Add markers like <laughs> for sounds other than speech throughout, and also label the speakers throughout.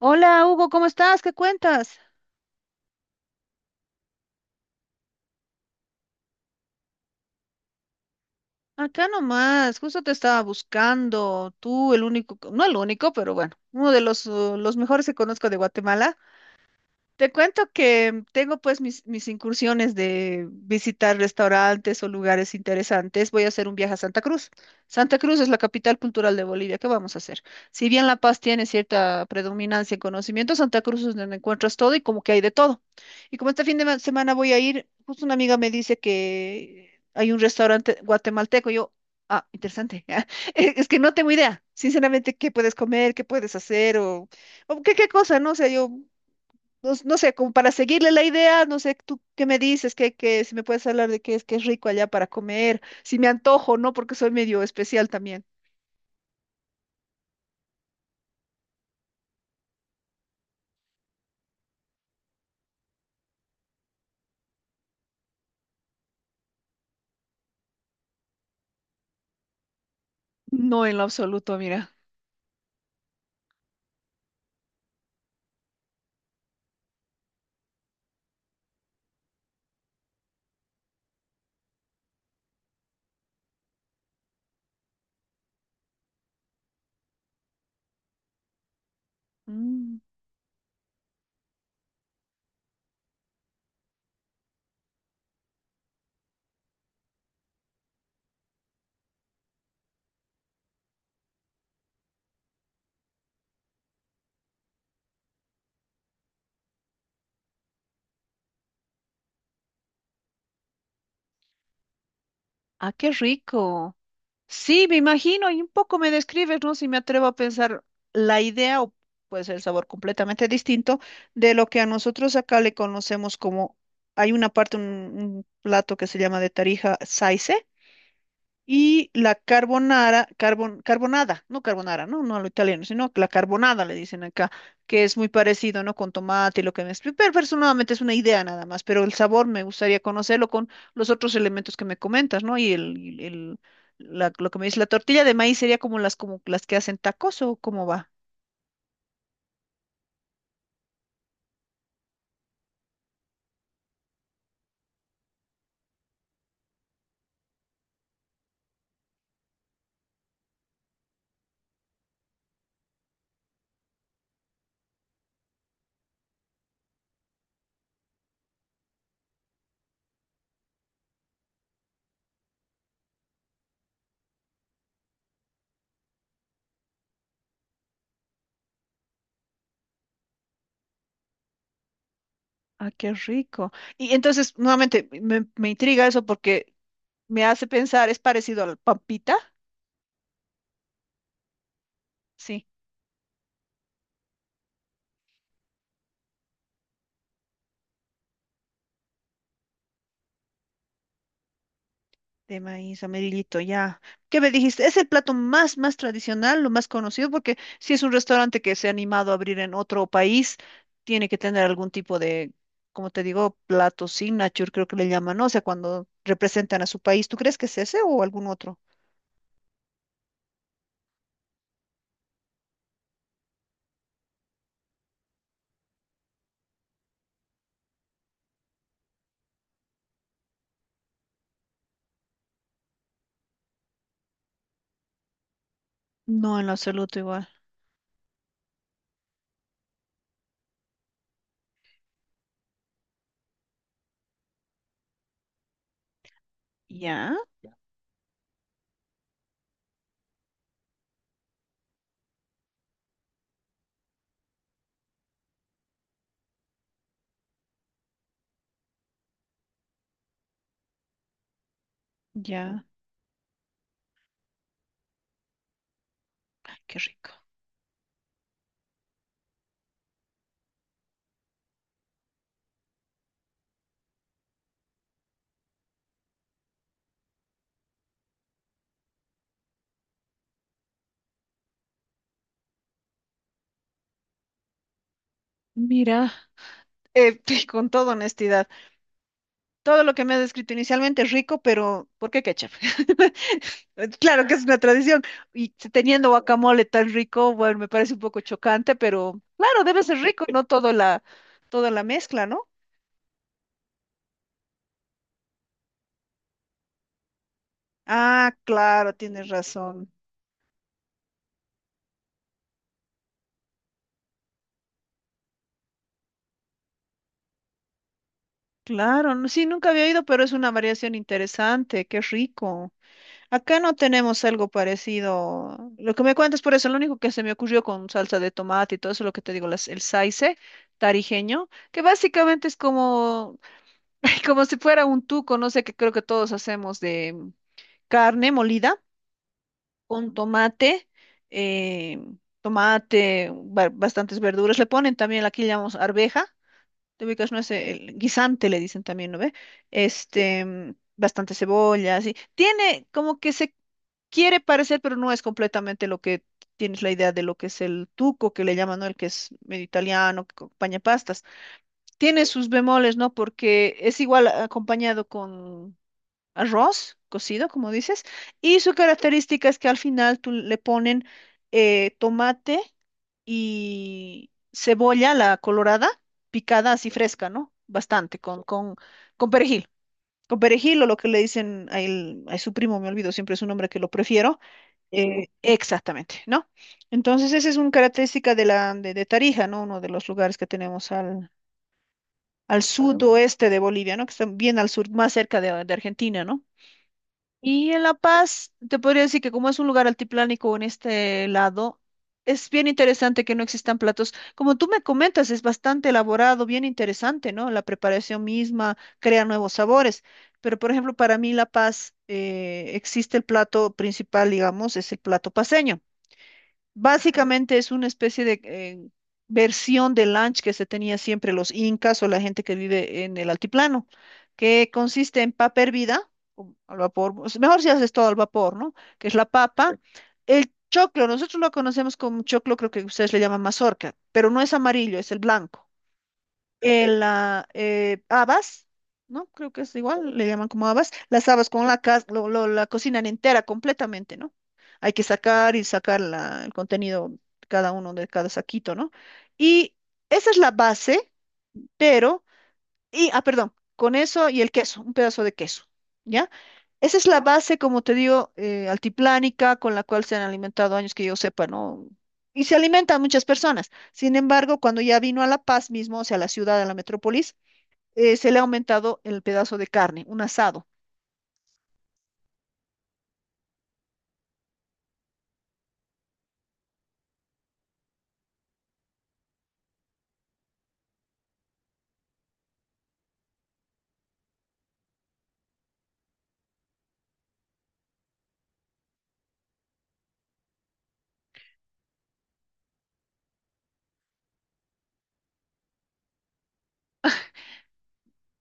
Speaker 1: Hola Hugo, ¿cómo estás? ¿Qué cuentas? Acá nomás, justo te estaba buscando, tú el único, no el único, pero bueno, uno de los mejores que conozco de Guatemala. Te cuento que tengo pues mis incursiones de visitar restaurantes o lugares interesantes. Voy a hacer un viaje a Santa Cruz. Santa Cruz es la capital cultural de Bolivia. ¿Qué vamos a hacer? Si bien La Paz tiene cierta predominancia en conocimiento, Santa Cruz es donde encuentras todo y como que hay de todo. Y como este semana voy a ir, justo una amiga me dice que hay un restaurante guatemalteco. Yo, ah, interesante. <laughs> Es que no tengo idea, sinceramente, qué puedes comer, qué puedes hacer o... ¿O ¿Qué, qué cosa? No sé, yo no, no sé, como para seguirle la idea, no sé, tú qué me dices, que si me puedes hablar de qué es que es rico allá para comer, si me antojo, ¿no? Porque soy medio especial también. No, en lo absoluto, mira. Mm, ah, qué rico. Sí, me imagino, y un poco me describes, ¿no? Si me atrevo a pensar la idea, o puede ser el sabor completamente distinto, de lo que a nosotros acá le conocemos como, hay una parte, un plato que se llama de Tarija saice. Y la carbonara, carbonada, no carbonara, no, no a lo italiano, sino la carbonada le dicen acá, que es muy parecido, ¿no? Con tomate y lo que me explico. Pero personalmente es una idea nada más, pero el sabor me gustaría conocerlo con los otros elementos que me comentas, ¿no? Lo que me dice la tortilla de maíz sería como las que hacen tacos o cómo va. Ah, qué rico. Y entonces, nuevamente, me intriga eso porque me hace pensar, ¿es parecido al pampita? Sí, de maíz amarillito, ya. ¿Qué me dijiste? ¿Es el plato más tradicional, lo más conocido? Porque si es un restaurante que se ha animado a abrir en otro país, tiene que tener algún tipo de, como te digo, plato signature, creo que le llaman, ¿no? O sea, cuando representan a su país. ¿Tú crees que es ese o algún otro? No, en lo absoluto igual. Ya, ya. Ay, qué rico. Mira, eh, <laughs> con toda honestidad. Todo lo que me has descrito inicialmente es rico, pero ¿por qué ketchup? <laughs> Claro que es una tradición. Y teniendo guacamole tan rico, bueno, me parece un poco chocante, pero claro, debe ser rico, no toda la mezcla, ¿no? Ah, claro, tienes razón. Claro, no- sí, nunca había oído, pero es una variación interesante, qué rico. Acá no tenemos algo parecido. Lo que me cuentas por eso, lo único que se me ocurrió con salsa de tomate y todo eso, lo que te digo, el saice tarijeño, que básicamente es como <laughs> ay, como si fuera un tuco, no sé, que creo que todos hacemos de carne molida con tomate, eh, bastantes verduras. Le ponen también, aquí le llamamos arveja, te ubicas, no es el guisante, le dicen también, ¿no ve? Este, bastante cebolla, así. Tiene como que se quiere parecer, pero no es completamente lo que tienes la idea de lo que es el tuco, que le llaman, ¿no? El que es medio italiano, que acompaña pastas, tiene sus bemoles, ¿no? Porque es igual ah, acompañado con arroz cocido, como dices, y su característica es que al final tú le ponen tomate y cebolla, la colorada, picada así fresca, ¿no? Bastante, con perejil. Con perejil o lo que le dicen a, a su primo, me olvido, siempre es un nombre que lo prefiero. Eh, exactamente, ¿no? Entonces, esa es una característica de de Tarija, ¿no? Uno de los lugares que tenemos al sudoeste de Bolivia, ¿no? Que está bien al sur, más cerca de Argentina, ¿no? Y en La Paz, te podría decir que como es un lugar altiplánico en este lado, es bien interesante que no existan platos. Como tú me comentas, es bastante elaborado, bien interesante, ¿no? La preparación misma crea nuevos sabores. Pero, por ejemplo, para mí La Paz existe el plato principal, digamos, es el plato paceño. Básicamente es una especie de versión del lunch que se tenía siempre los incas o la gente que vive en el altiplano, que consiste en papa hervida, o al vapor, o sea, mejor si haces todo al vapor, ¿no? Que es la papa. El choclo, nosotros lo conocemos como choclo, creo que ustedes le llaman mazorca, pero no es amarillo, es el blanco, habas, ¿no? Creo que es igual, le llaman como habas. Las habas con la, la cocinan entera completamente, ¿no? Hay que sacar y sacar el contenido de cada uno de cada saquito, ¿no? Y esa es la base, pero, y, ah, perdón, con eso y el queso, un pedazo de queso, ¿ya? Esa es la base, como te digo, altiplánica, con la cual se han alimentado años que yo sepa, ¿no? Y se alimentan muchas personas. Sin embargo, cuando ya vino a La Paz mismo, o sea, a la ciudad, a la metrópolis, se le ha aumentado el pedazo de carne, un asado.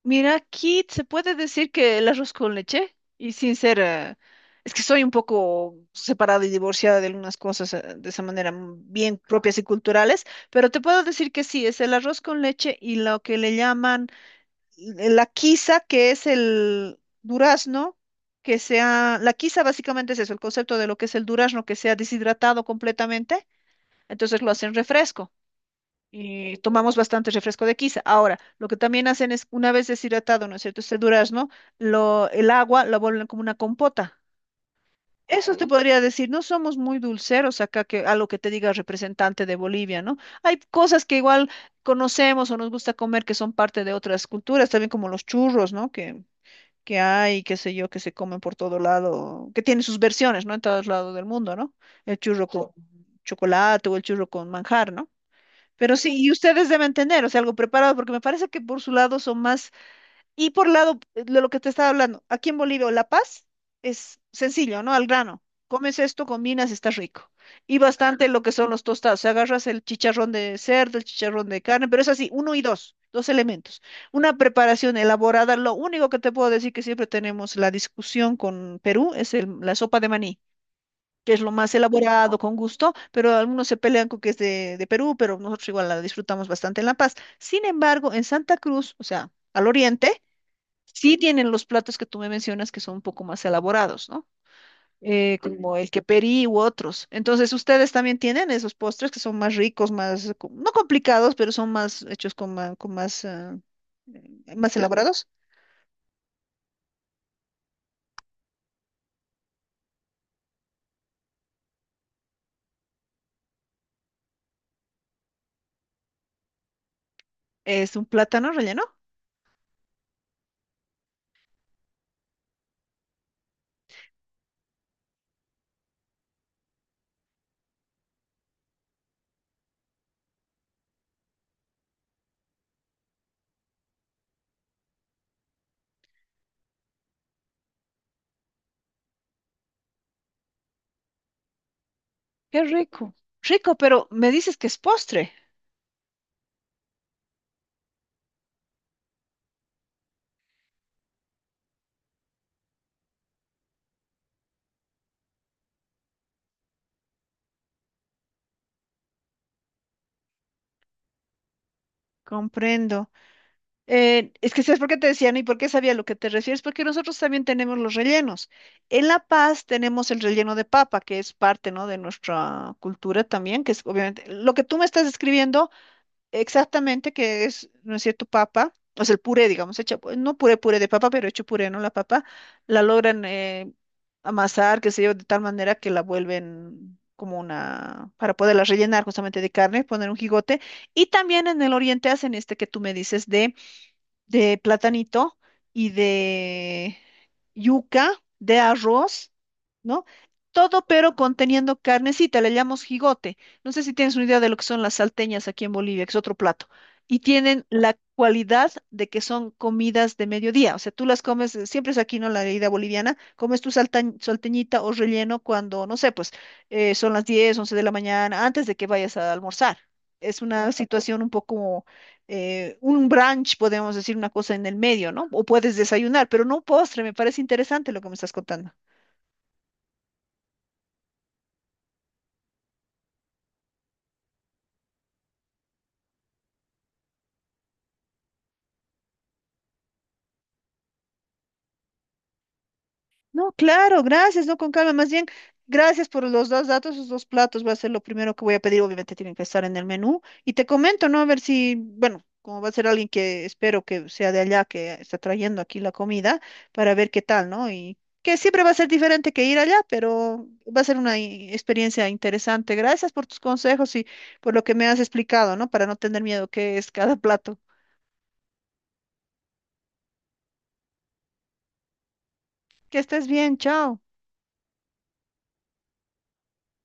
Speaker 1: Mira, Kit se puede decir que el arroz con leche, y sin ser, es que soy un poco separada y divorciada de algunas cosas de esa manera bien propias y culturales, pero te puedo decir que sí, es el arroz con leche y lo que le llaman la quiza, que es el durazno, que sea, la quiza básicamente es eso, el concepto de lo que es el durazno, que sea deshidratado completamente, entonces lo hacen refresco. Eh, tomamos bastante refresco de quiza. Ahora, lo que también hacen es, una vez deshidratado, ¿no es cierto? Este durazno, el agua la vuelven como una compota. Eso te podría decir, no somos muy dulceros acá, que a lo que te diga el representante de Bolivia, ¿no? Hay cosas que igual conocemos o nos gusta comer que son parte de otras culturas, también como los churros, ¿no? Que hay, qué sé yo, que se comen por todo lado, que tienen sus versiones, ¿no? En todos lados del mundo, ¿no? El churro con chocolate o el churro con manjar, ¿no? Pero sí, y ustedes deben tener, o sea, algo preparado, porque me parece que por su lado son más, y por lado de lo que te estaba hablando, aquí en Bolivia o La Paz es sencillo, ¿no? Al grano. Comes esto, combinas, está rico. Y bastante lo que son los tostados. O sea, agarras el chicharrón de cerdo, el chicharrón de carne, pero es así, uno y dos, dos elementos. Una preparación elaborada. Lo único que te puedo decir que siempre tenemos la discusión con Perú es la sopa de maní que es lo más elaborado, con gusto, pero algunos se pelean con que es de Perú, pero nosotros igual la disfrutamos bastante en La Paz. Sin embargo, en Santa Cruz, o sea, al oriente, sí tienen los platos que tú me mencionas que son un poco más elaborados, ¿no? Como el queperí u otros. Entonces, ustedes también tienen esos postres que son más ricos, más, no complicados, pero son más hechos con, con más, más elaborados. Es un plátano relleno. Qué rico. Rico, pero me dices que es postre. Comprendo. Es que sabes por qué te decían y por qué sabía a lo que te refieres, porque nosotros también tenemos los rellenos. En La Paz tenemos el relleno de papa, que es parte, ¿no? de nuestra cultura también, que es obviamente lo que tú me estás describiendo exactamente, que es, ¿no es cierto?, papa, o sea, el puré, digamos, hecha, pues, no puré, puré de papa, pero hecho puré, ¿no? La papa la logran amasar, qué sé yo, de tal manera que la vuelven como una, para poderla rellenar justamente de carne, poner un jigote. Y también en el oriente hacen este que tú me dices de platanito y de yuca, de arroz, ¿no? Todo pero conteniendo carnecita, le llamamos jigote. No sé si tienes una idea de lo que son las salteñas aquí en Bolivia, que es otro plato. Y tienen la cualidad de que son comidas de mediodía. O sea, tú las comes, siempre es aquí, ¿no? La herida boliviana, comes tu salteñita o relleno cuando, no sé, pues son las 10, 11 de la mañana, antes de que vayas a almorzar. Es una situación un poco un brunch, podemos decir una cosa en el medio, ¿no? O puedes desayunar, pero no un postre, me parece interesante lo que me estás contando. No, claro, gracias, no con calma, más bien, gracias por los dos datos, los dos platos, va a ser lo primero que voy a pedir, obviamente tienen que estar en el menú, y te comento, ¿no? A ver si, bueno, como va a ser alguien que espero que sea de allá, que está trayendo aquí la comida, para ver qué tal, ¿no? Y que siempre va a ser diferente que ir allá, pero va a ser una experiencia interesante. Gracias por tus consejos y por lo que me has explicado, ¿no? Para no tener miedo, qué es cada plato. Que estés bien, chao.